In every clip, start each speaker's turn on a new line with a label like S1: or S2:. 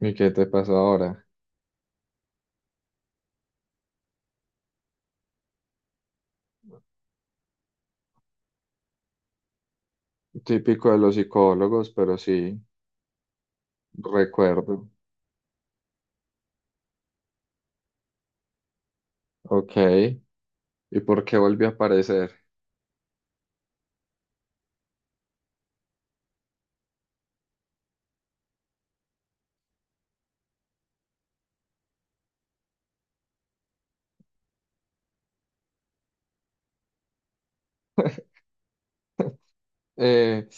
S1: ¿Y qué te pasó ahora? Típico de los psicólogos, pero sí, recuerdo. Ok. ¿Y por qué volvió a aparecer? Eh,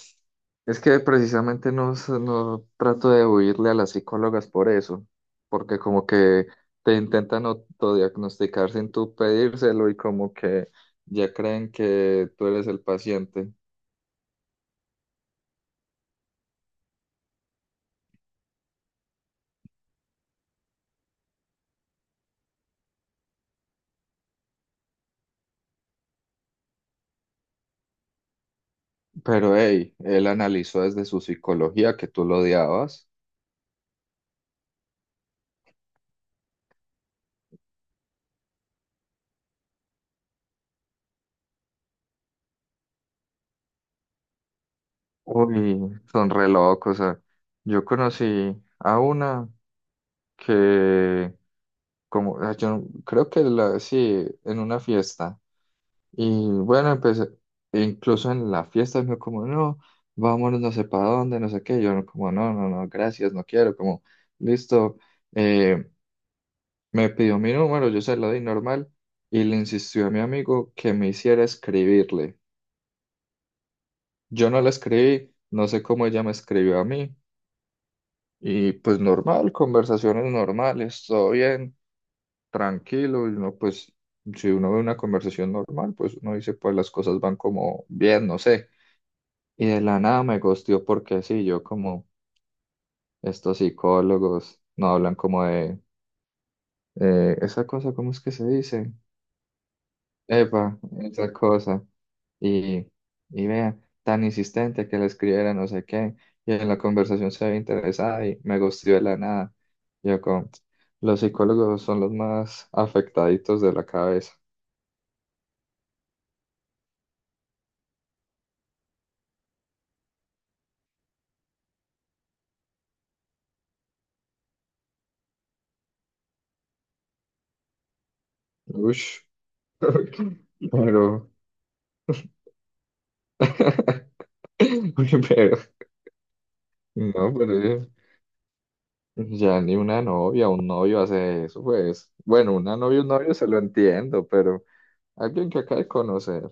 S1: es que precisamente no, no trato de huirle a las psicólogas por eso, porque como que te intentan autodiagnosticar sin tú pedírselo y como que ya creen que tú eres el paciente. Pero hey, él analizó desde su psicología que tú lo odiabas. Uy, son re locos. O sea, yo conocí a una que, como, yo no- creo que la, sí, en una fiesta. Y bueno, empecé, incluso en la fiesta me dijo como, no, vámonos no sé para dónde, no sé qué. Yo no, como, no, no, no, gracias, no quiero. Como, listo, eh, me pidió mi número, yo se lo di normal y le insistió a mi amigo que me hiciera escribirle. Yo no le escribí, no sé cómo ella me escribió a mí. Y pues normal, conversaciones normales, todo bien, tranquilo, y uno pues, si uno ve una conversación normal, pues uno dice, pues las cosas van como bien, no sé. Y de la nada me gosteó porque sí, yo como estos psicólogos no hablan como de esa cosa, ¿cómo es que se dice? Epa, esa cosa. y, y vea, tan insistente que le escribiera no sé qué, y en la conversación se había interesada y me gustó de la nada. Yo con, los psicólogos son los más afectaditos de la cabeza. Ush, pero, pero, no, pero ya ni una novia, un novio hace eso, pues, bueno, una novia, un novio se lo entiendo, pero alguien que acaba de conocer,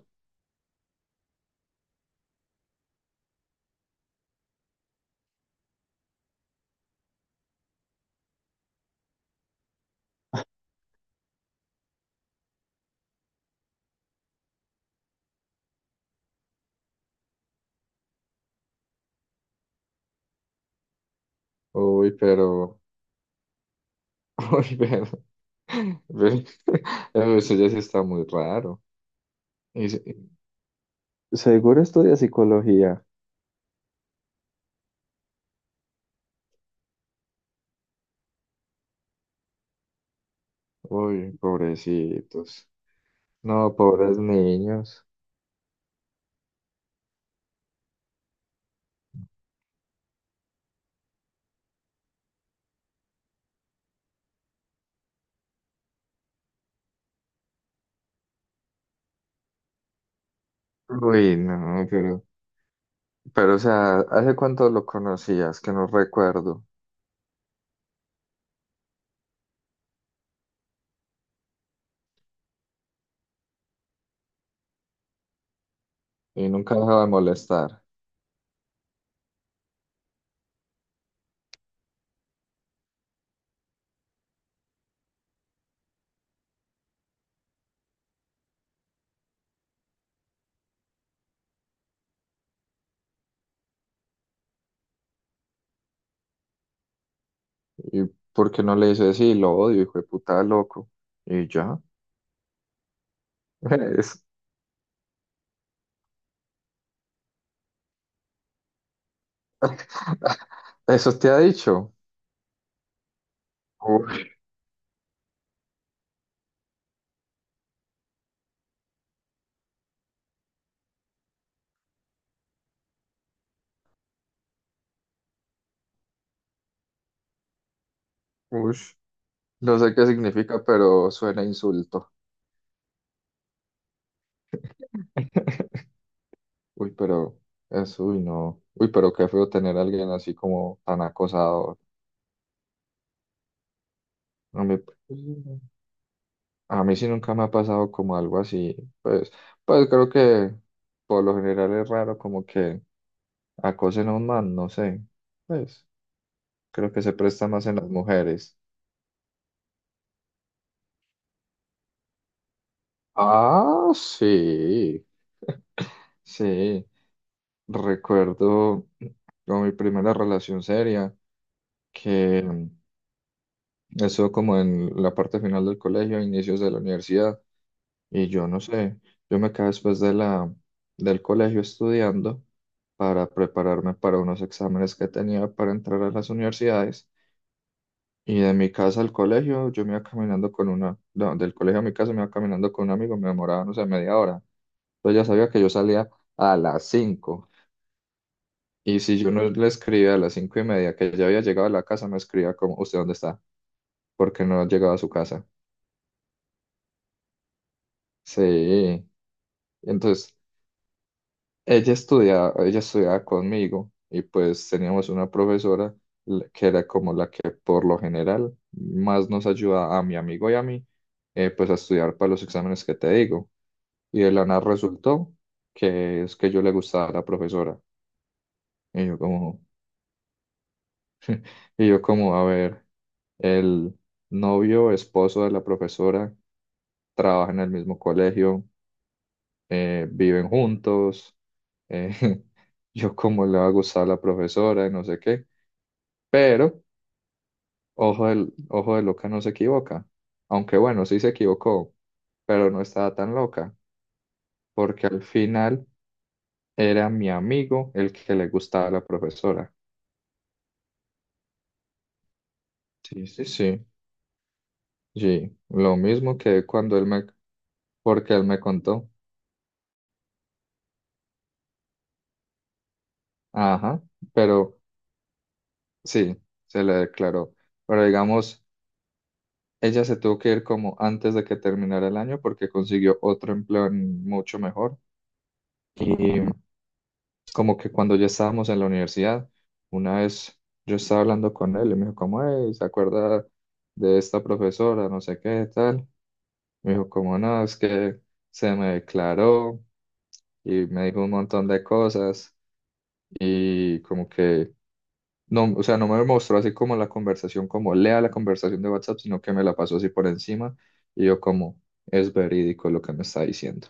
S1: uy, pero... Uy, pero, pero- pero eso ya sí está muy raro. Y seguro estudia psicología. Uy, pobrecitos. No, pobres niños. Uy, no, pero, o sea, ¿hace cuánto lo conocías? Que no recuerdo. Y nunca dejaba de molestar. ¿Y por qué no le dices, sí, lo odio, hijo de puta, loco? Y ya. Es- ¿Eso te ha dicho? Uy, ush. No sé qué significa, pero suena a insulto. Uy, pero eso uy, no. Uy, pero qué feo tener a alguien así como tan acosador. A mí, pues, a mí sí nunca me ha pasado como algo así. Pues, pues, creo que por lo general es raro como que acosen a un man, no sé. Pues creo que se presta más en las mujeres. Ah, sí, sí. Recuerdo como mi primera relación seria, que eso como en la parte final del colegio, inicios de la universidad. Y yo no sé, yo me quedé después de del colegio estudiando para prepararme para unos exámenes que tenía para entrar a las universidades. Y de mi casa al colegio, yo me iba caminando con una, no, del colegio a mi casa me iba caminando con un amigo, me demoraba, no sé, media hora. Entonces ya sabía que yo salía a las 5. Y si yo no le escribía a las 5:30 que ya había llegado a la casa, me escribía como, ¿usted dónde está? Porque no llegaba a su casa. Sí. Entonces, ella estudiaba conmigo y pues teníamos una profesora que era como la que por lo general más nos ayuda a mi amigo y a mí, pues a estudiar para los exámenes que te digo. Y de la nada resultó que es que yo le gustaba a la profesora. Y yo como, y yo como, a ver, el novio, esposo de la profesora, trabaja en el mismo colegio, viven juntos, eh, yo como le va a gustar a la profesora y no sé qué. Pero ojo de loca no se equivoca. Aunque bueno, sí se equivocó, pero no estaba tan loca, porque al final era mi amigo el que le gustaba a la profesora. Sí, sí, sí. Sí, lo mismo que cuando él me, porque él me contó. Ajá, pero sí, se le declaró. Pero digamos, ella se tuvo que ir como antes de que terminara el año porque consiguió otro empleo mucho mejor. Y como que cuando ya estábamos en la universidad, una vez yo estaba hablando con él y me dijo, como, "Ey, ¿se acuerda de esta profesora? No sé qué, tal. Me dijo, como, no, es que se me declaró y me dijo un montón de cosas y como que, no, o sea, no me mostró así como la conversación, como lea la conversación de WhatsApp, sino que me la pasó así por encima y yo como, es verídico lo que me está diciendo.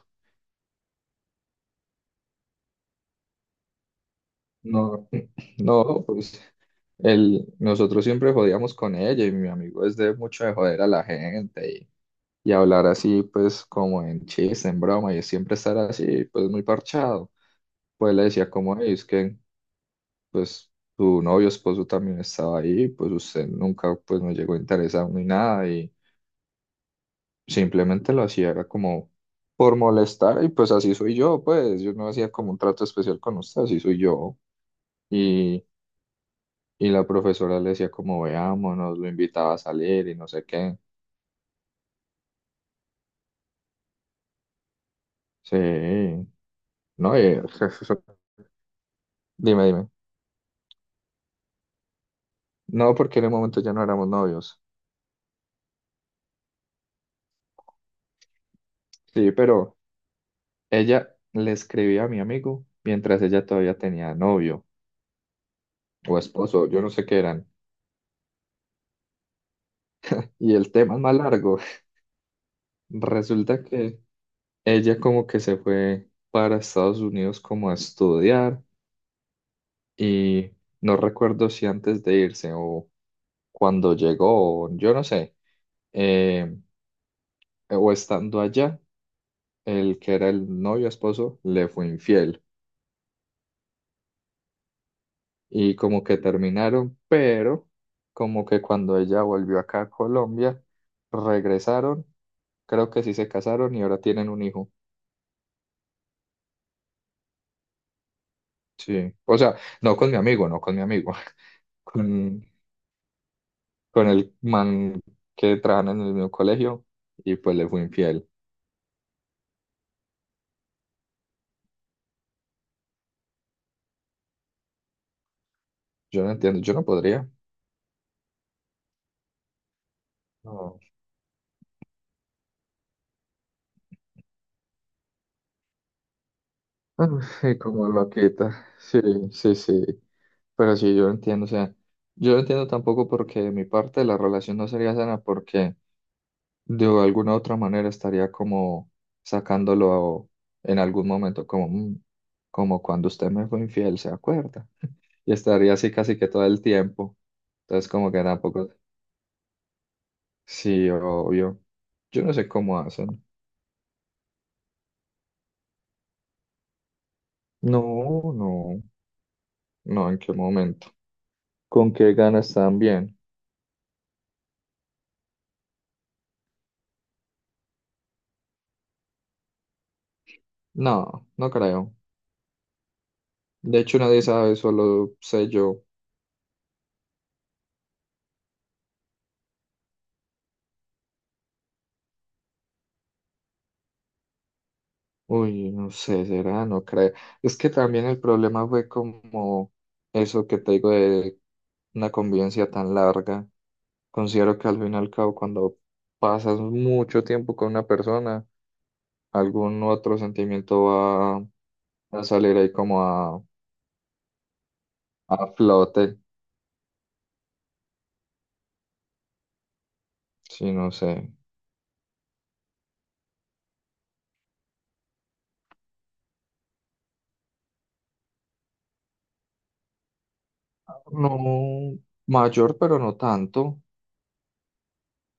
S1: No, no, pues nosotros siempre jodíamos con ella y mi amigo es de mucho de joder a la gente y hablar así, pues como en chiste, en broma y siempre estar así, pues muy parchado. Pues le decía como "Ey, es que pues tu novio, esposo también estaba ahí, pues usted nunca pues me llegó a interesar ni nada y simplemente lo hacía, era como por molestar y pues así soy yo, pues yo no hacía como un trato especial con usted, así soy yo. Y la profesora le decía como veámonos, lo invitaba a salir y no sé qué. Sí, no, dime, dime. No, porque en el momento ya no éramos novios. Sí, pero ella le escribía a mi amigo mientras ella todavía tenía novio o esposo, yo no sé qué eran. Y el tema es más largo. Resulta que ella como que se fue para Estados Unidos como a estudiar y no recuerdo si antes de irse o cuando llegó, o yo no sé. eh, o estando allá, el que era el novio esposo le fue infiel y como que terminaron, pero como que cuando ella volvió acá a Colombia, regresaron, creo que sí se casaron y ahora tienen un hijo. Sí, o sea, no con mi amigo, no con mi amigo, con, con el man que trabaja en el mismo colegio y pues le fue infiel. Yo no entiendo, yo no podría. No. Ah, sí como loquita. Sí, sí, sí. Pero sí, yo entiendo, o sea, yo entiendo tampoco porque de mi parte la relación no sería sana porque de alguna otra manera estaría como sacándolo en algún momento, como, "Mm, como cuando usted me fue infiel, ¿se acuerda? Y estaría así casi que todo el tiempo. Entonces como que tampoco, sí, obvio. Yo no sé cómo hacen. No, no, no, ¿en qué momento? ¿Con qué ganas están bien? No, no creo. De hecho nadie sabe, solo sé yo. Uy, no sé, será, no creo. Es que también el problema fue como eso que te digo de una convivencia tan larga. Considero que al fin y al cabo, cuando pasas mucho tiempo con una persona, algún otro sentimiento va a salir ahí como a, flote. Sí, no sé. No mayor, pero no tanto.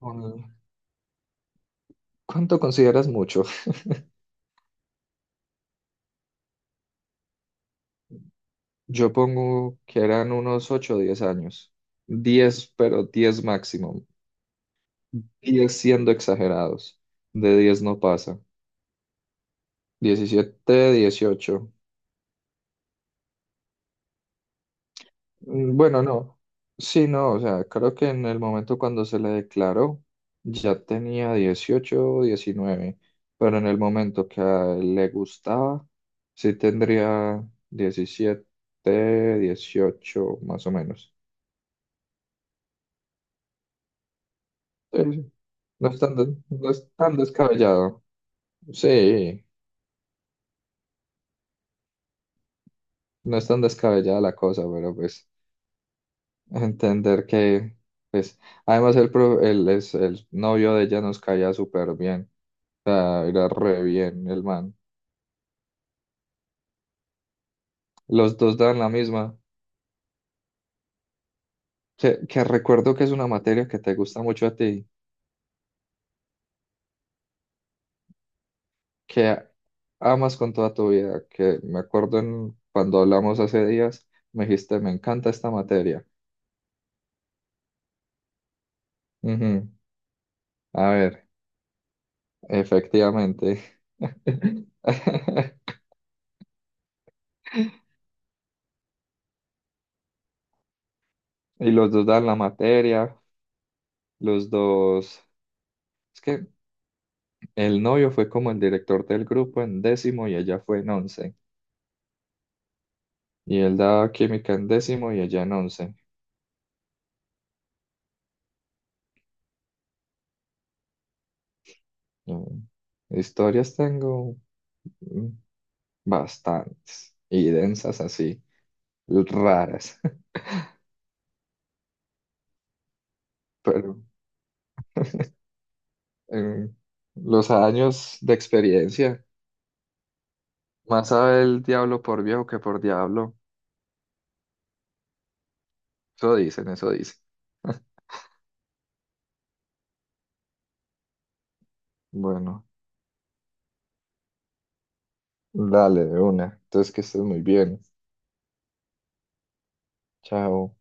S1: Con- ¿Cuánto consideras mucho? Yo pongo que eran unos 8 o 10 años. 10 pero 10 máximo. 10 siendo exagerados. De 10 no pasa. 17, 18. Mm, bueno, no. Sí, no, o sea, creo que en el momento cuando se le declaró ya tenía 18, o 19, pero en el momento que a él le gustaba, sí tendría 17, 18 más o menos. Sí, sí. No es tan, no es tan descabellado. Sí, no es tan descabellada la cosa, pero pues... Entender que, pues, además el, pro- el, es, el novio de ella nos caía súper bien, o sea, era re bien el man. Los dos dan la misma, que recuerdo que es una materia que te gusta mucho a ti, que amas con toda tu vida, que me acuerdo cuando hablamos hace días, me dijiste, me encanta esta materia. Ujú. A ver, efectivamente. Y los dos dan la materia, los dos... es que el novio fue como el director del grupo en décimo y ella fue en once. Y él daba química en décimo y ella en once. Mm, Historias tengo, mm, bastantes y densas así, raras. Pero en los años de experiencia, más sabe el diablo por viejo que por diablo. Eso dicen, eso dicen. Bueno, dale de una. Entonces que estés muy bien. Chao.